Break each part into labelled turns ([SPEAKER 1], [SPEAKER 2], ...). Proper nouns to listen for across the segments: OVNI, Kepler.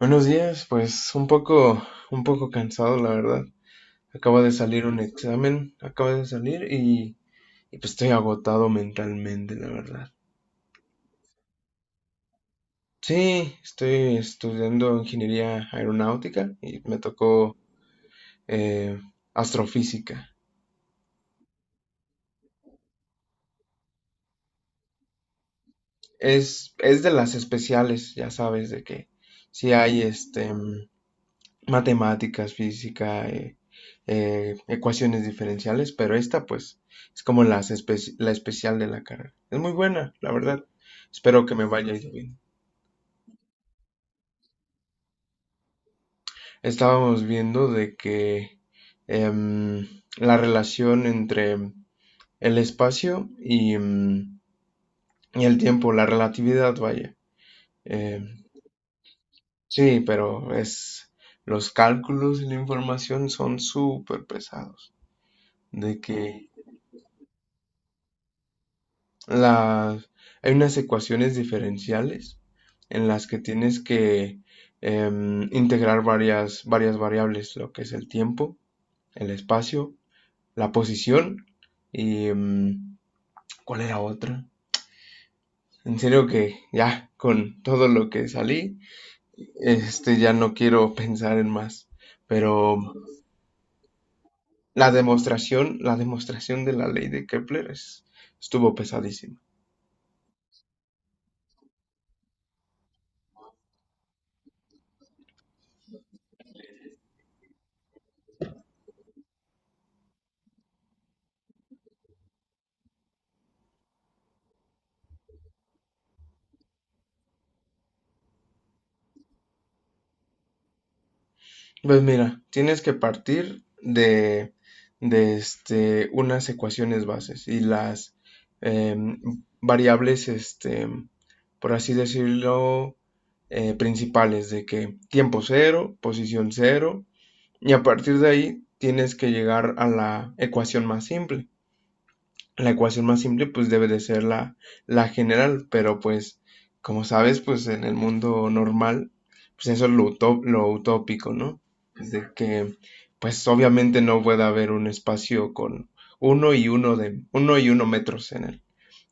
[SPEAKER 1] Buenos días, pues un poco cansado, la verdad. Acaba de salir un examen, acaba de salir y pues estoy agotado mentalmente, la verdad. Sí, estoy estudiando ingeniería aeronáutica y me tocó eh, astrofísica. Es de las especiales, ya sabes, de que si hay matemáticas, física, ecuaciones diferenciales, pero esta pues es como la especial de la carrera. Es muy buena, la verdad. Espero que me vaya yendo bien. Estábamos viendo de que em, la relación entre el espacio y y el tiempo, la relatividad, vaya. Em, sí, pero es los cálculos y la información son súper pesados. De que las, hay unas ecuaciones diferenciales en las que tienes que integrar varias variables, lo que es el tiempo, el espacio, la posición y ¿cuál era otra? En serio que ya con todo lo que salí, este ya no quiero pensar en más. Pero la demostración de la ley de Kepler estuvo pesadísima. Pues mira, tienes que partir de, este, unas ecuaciones bases y las em, variables, este, por así decirlo, principales de que tiempo cero, posición cero, y a partir de ahí tienes que llegar a la ecuación más simple. La ecuación más simple, pues, debe de ser la, la general, pero pues, como sabes, pues en el mundo normal, pues eso es lo, lo utópico, ¿no? Es de que, pues obviamente no puede haber un espacio con uno y uno de, uno y uno metros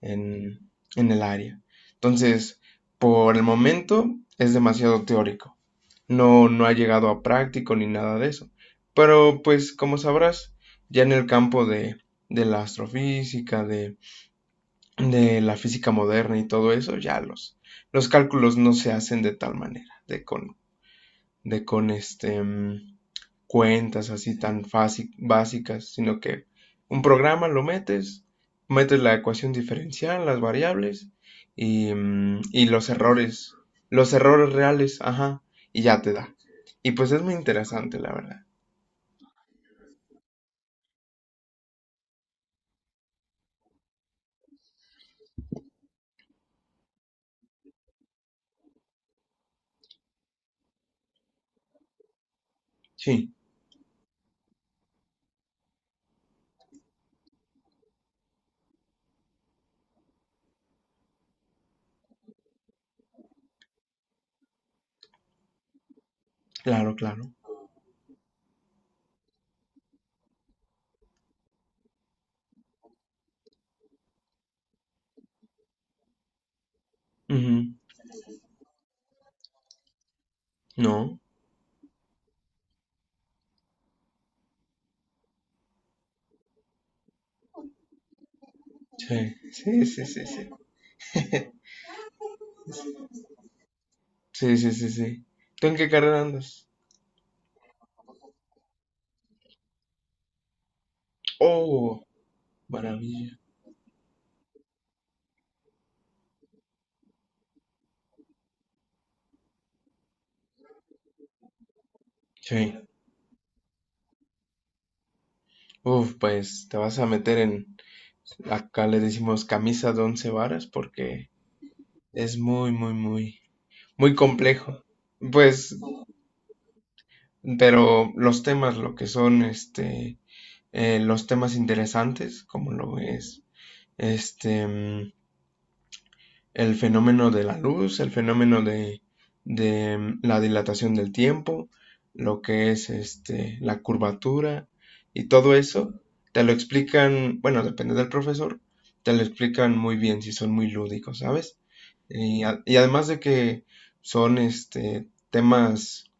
[SPEAKER 1] en, en el área. Entonces, por el momento es demasiado teórico, no, no ha llegado a práctico ni nada de eso. Pero pues como sabrás, ya en el campo de la astrofísica, de la física moderna y todo eso, ya los cálculos no se hacen de tal manera, de con cuentas así tan fácil, básicas, sino que un programa lo metes, metes la ecuación diferencial, las variables y y los errores reales, ajá, y ya te da. Y pues es muy interesante, la verdad. Sí, claro, claro. Ujú. No, sí, sí, sí, sí, sí. Sí, sí, sí, sí. ¿Tú en qué carrera andas? Oh, maravilla. Sí. Uf, pues te vas a meter en, acá le decimos camisa de once varas porque es muy, muy, muy, muy complejo. Pues, pero los temas, lo que son, este, los temas interesantes, como lo es, este, mm, el fenómeno de la luz, el fenómeno de la dilatación del tiempo, lo que es este, la curvatura y todo eso, te lo explican, bueno, depende del profesor, te lo explican muy bien si son muy lúdicos, ¿sabes? Y, y además de que son este, temas,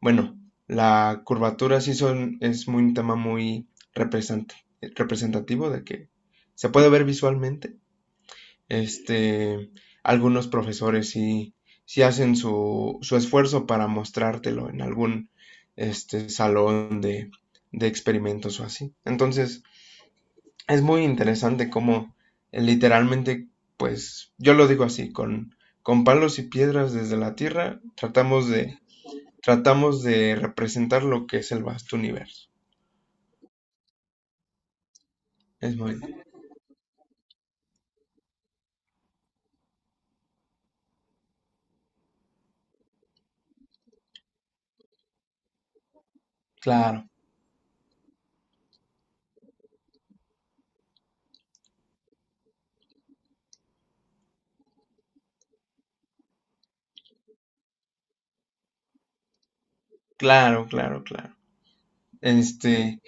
[SPEAKER 1] bueno, la curvatura sí son, es muy, un tema muy representativo de que se puede ver visualmente este, algunos profesores sí, sí hacen su, su esfuerzo para mostrártelo en algún este, salón de experimentos o así. Entonces, es muy interesante cómo literalmente, pues, yo lo digo así, con palos y piedras desde la Tierra, tratamos de representar lo que es el vasto universo. Es muy claro, claro, claro, claro. Este,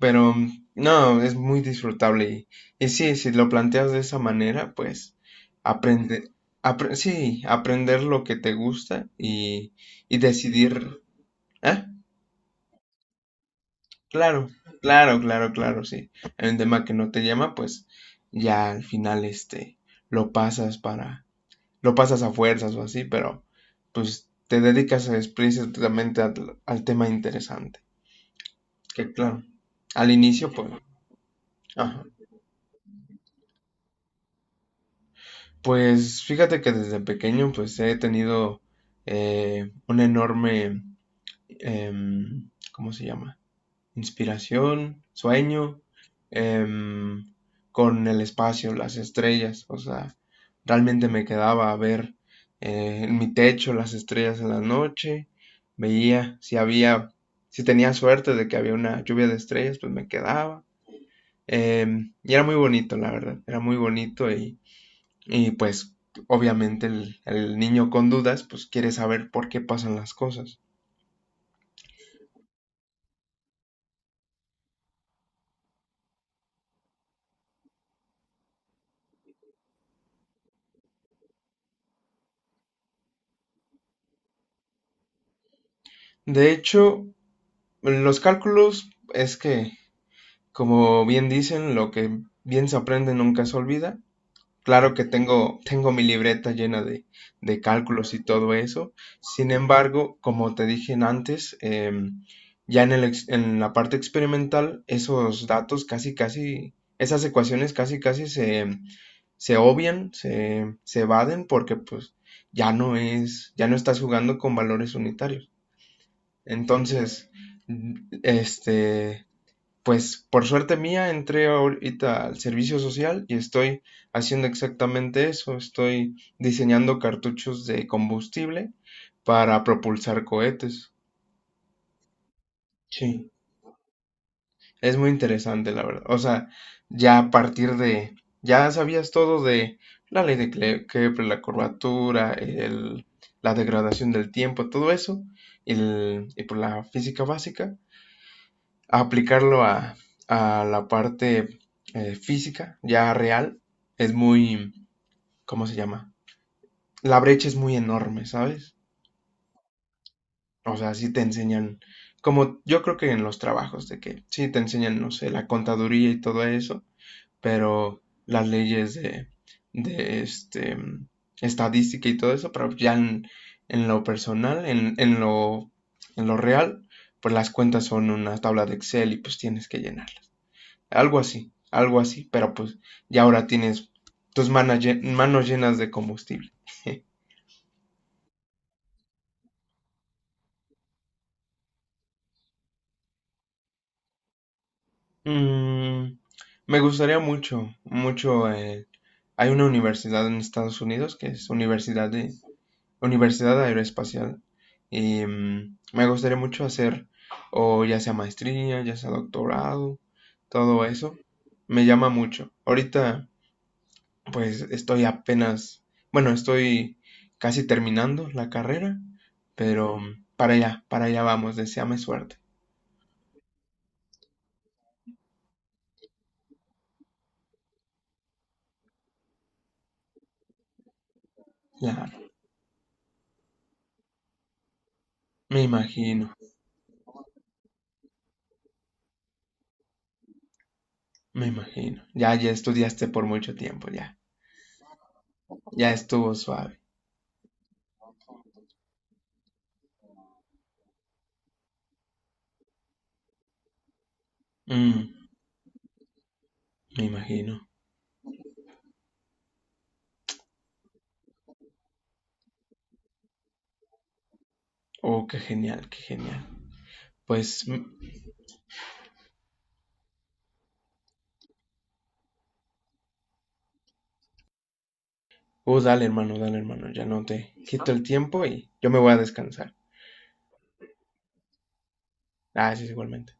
[SPEAKER 1] pero mm, no, es muy disfrutable y sí, si lo planteas de esa manera, pues aprende, sí, aprender lo que te gusta y decidir, ah, claro, claro, claro, claro, sí. Hay un tema que no te llama, pues ya al final este lo pasas para, lo pasas a fuerzas o así, pero pues te dedicas explícitamente al, al tema interesante. Que claro, al inicio, pues, ajá. Pues fíjate que desde pequeño pues he tenido una enorme, ¿cómo se llama? Inspiración, sueño, em, con el espacio, las estrellas. O sea, realmente me quedaba a ver en mi techo las estrellas en la noche. Veía si había, si tenía suerte de que había una lluvia de estrellas, pues me quedaba. Y era muy bonito, la verdad. Era muy bonito y pues obviamente el niño con dudas pues quiere saber por qué pasan las cosas. De hecho, los cálculos es que, como bien dicen, lo que bien se aprende nunca se olvida. Claro que tengo, tengo mi libreta llena de cálculos y todo eso. Sin embargo, como te dije antes, ya en, el en la parte experimental, esos datos esas ecuaciones casi, casi se obvian, se evaden porque pues ya no es, ya no estás jugando con valores unitarios. Entonces, este, pues por suerte mía entré ahorita al servicio social y estoy haciendo exactamente eso, estoy diseñando cartuchos de combustible para propulsar cohetes. Sí. Es muy interesante, la verdad. O sea, ya a partir de, ya sabías todo de la ley de Kepler, la curvatura, la degradación del tiempo, todo eso, y por la física básica, a aplicarlo a la parte física, ya real, es muy, ¿cómo se llama? La brecha es muy enorme, ¿sabes? O sea, sí te enseñan, como yo creo que en los trabajos, de que sí te enseñan, no sé, la contaduría y todo eso, pero las leyes de este, estadística y todo eso, pero ya en lo personal, en lo real, pues las cuentas son una tabla de Excel y pues tienes que llenarlas. Algo así, pero pues ya ahora tienes tus manos, llenas de combustible. mm, me gustaría mucho, mucho. Hay una universidad en Estados Unidos que es Universidad de Universidad Aeroespacial. Y me gustaría mucho hacer, o ya sea maestría, ya sea doctorado, todo eso. Me llama mucho. Ahorita, pues estoy apenas, bueno, estoy casi terminando la carrera, pero para allá vamos, deséame suerte. Ya, me imagino, me imagino. Ya, ya estudiaste por mucho tiempo, ya. Ya estuvo suave. Mm, me imagino. Oh, qué genial, qué genial. Pues uh, dale, hermano, dale, hermano. Ya no te quito el tiempo y yo me voy a descansar. Gracias, igualmente.